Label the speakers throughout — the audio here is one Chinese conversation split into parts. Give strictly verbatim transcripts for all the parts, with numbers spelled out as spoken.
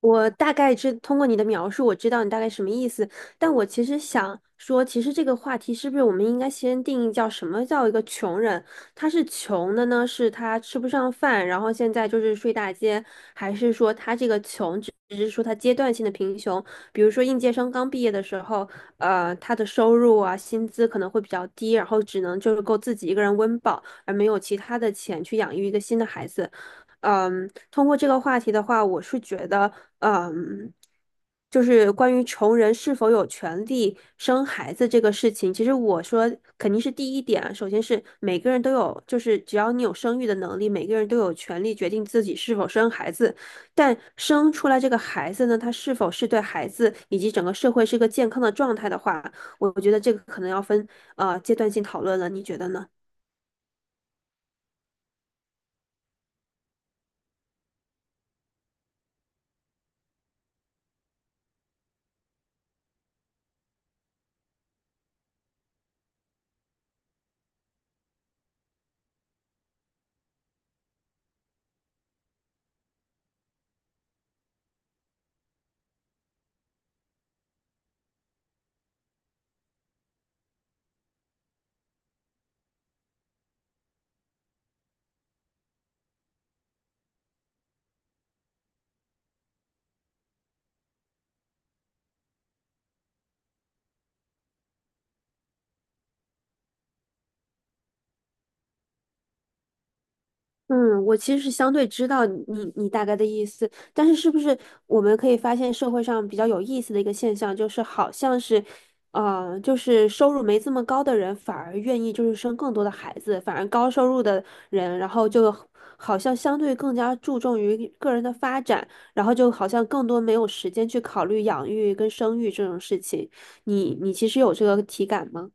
Speaker 1: 我大概知，通过你的描述，我知道你大概什么意思。但我其实想说，其实这个话题是不是我们应该先定义叫什么叫一个穷人？他是穷的呢，是他吃不上饭，然后现在就是睡大街，还是说他这个穷只只是说他阶段性的贫穷？比如说应届生刚毕业的时候，呃，他的收入啊，薪资可能会比较低，然后只能就是够自己一个人温饱，而没有其他的钱去养育一个新的孩子。嗯，通过这个话题的话，我是觉得，嗯，就是关于穷人是否有权利生孩子这个事情，其实我说肯定是第一点啊，首先是每个人都有，就是只要你有生育的能力，每个人都有权利决定自己是否生孩子。但生出来这个孩子呢，他是否是对孩子以及整个社会是个健康的状态的话，我觉得这个可能要分呃阶段性讨论了，你觉得呢？嗯，我其实是相对知道你你大概的意思，但是是不是我们可以发现社会上比较有意思的一个现象，就是好像是，呃，就是收入没这么高的人反而愿意就是生更多的孩子，反而高收入的人，然后就好像相对更加注重于个人的发展，然后就好像更多没有时间去考虑养育跟生育这种事情。你你其实有这个体感吗？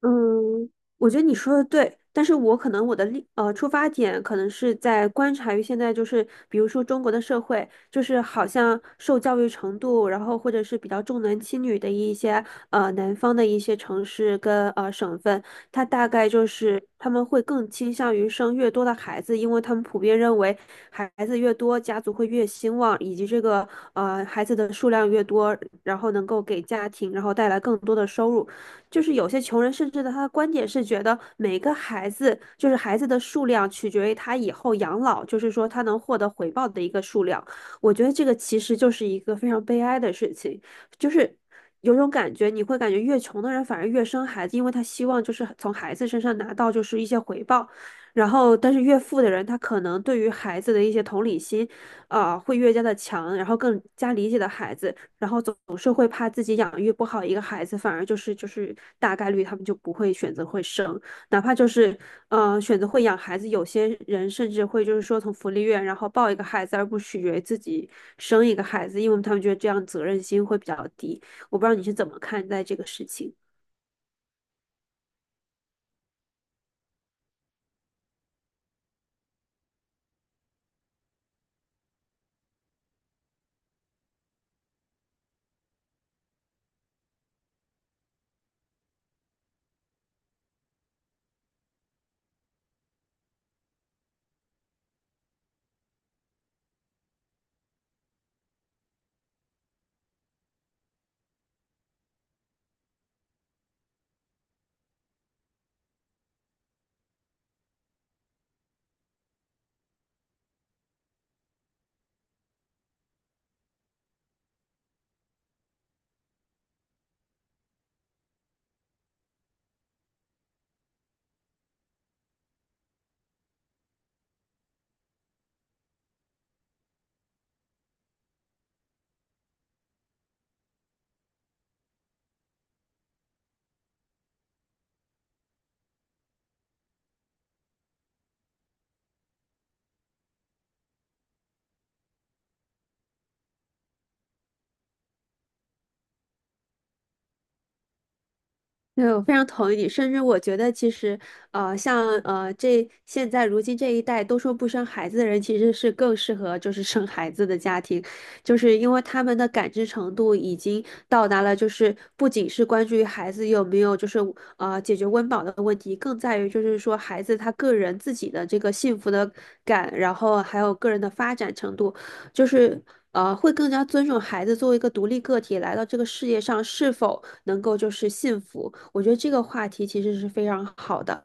Speaker 1: 嗯，我觉得你说的对，但是我可能我的立呃出发点可能是在观察于现在就是，比如说中国的社会，就是好像受教育程度，然后或者是比较重男轻女的一些呃南方的一些城市跟呃省份，它大概就是他们会更倾向于生越多的孩子，因为他们普遍认为孩子越多，家族会越兴旺，以及这个呃孩子的数量越多，然后能够给家庭然后带来更多的收入。就是有些穷人甚至的他的观点是觉得每个孩子就是孩子的数量取决于他以后养老，就是说他能获得回报的一个数量。我觉得这个其实就是一个非常悲哀的事情，就是有种感觉，你会感觉越穷的人反而越生孩子，因为他希望就是从孩子身上拿到就是一些回报。然后，但是越富的人，他可能对于孩子的一些同理心，啊、会越加的强，然后更加理解的孩子。然后总是会怕自己养育不好一个孩子，反而就是就是大概率他们就不会选择会生，哪怕就是呃选择会养孩子，有些人甚至会就是说从福利院然后抱一个孩子，而不取决于自己生一个孩子，因为他们觉得这样责任心会比较低。我不知道你是怎么看待这个事情。对，我非常同意你，甚至我觉得其实，呃，像呃这现在如今这一代都说不生孩子的人，其实是更适合就是生孩子的家庭，就是因为他们的感知程度已经到达了，就是不仅是关注于孩子有没有就是呃解决温饱的问题，更在于就是说孩子他个人自己的这个幸福的感，然后还有个人的发展程度，就是。呃，会更加尊重孩子作为一个独立个体来到这个世界上是否能够就是幸福。我觉得这个话题其实是非常好的。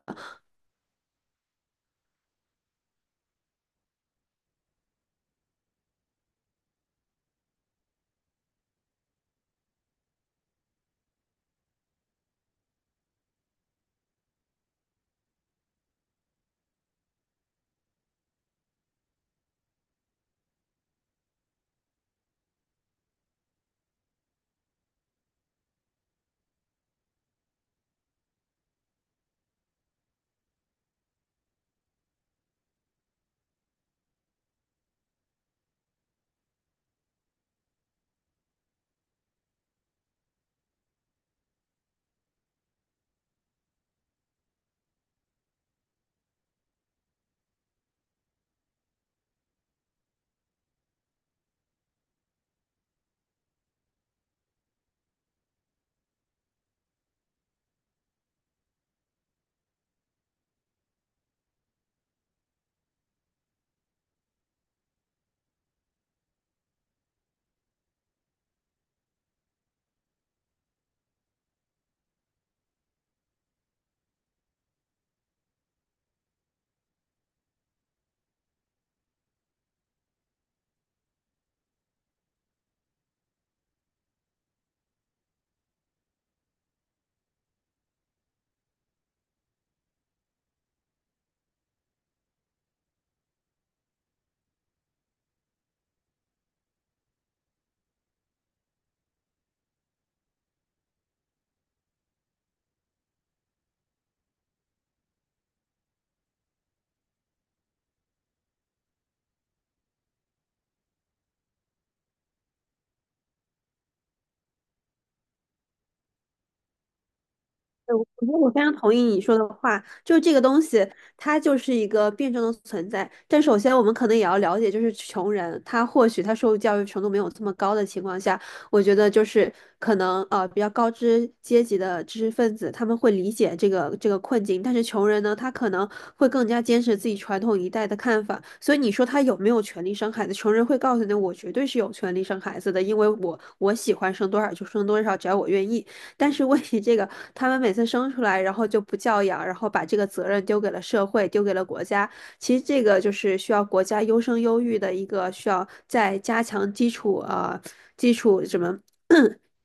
Speaker 1: 对，我我觉得我非常同意你说的话，就是这个东西，它就是一个辩证的存在。但首先，我们可能也要了解，就是穷人，他或许他受教育程度没有这么高的情况下，我觉得就是可能呃比较高知阶级的知识分子他们会理解这个这个困境，但是穷人呢，他可能会更加坚持自己传统一代的看法。所以你说他有没有权利生孩子？穷人会告诉你，我绝对是有权利生孩子的，因为我我喜欢生多少就生多少，只要我愿意。但是问题这个，他们每次生出来，然后就不教养，然后把这个责任丢给了社会，丢给了国家。其实这个就是需要国家优生优育的一个需要再加强基础呃基础什么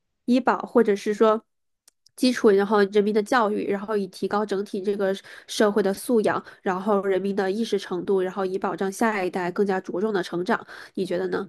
Speaker 1: 医保，或者是说基础，然后人民的教育，然后以提高整体这个社会的素养，然后人民的意识程度，然后以保障下一代更加茁壮的成长。你觉得呢？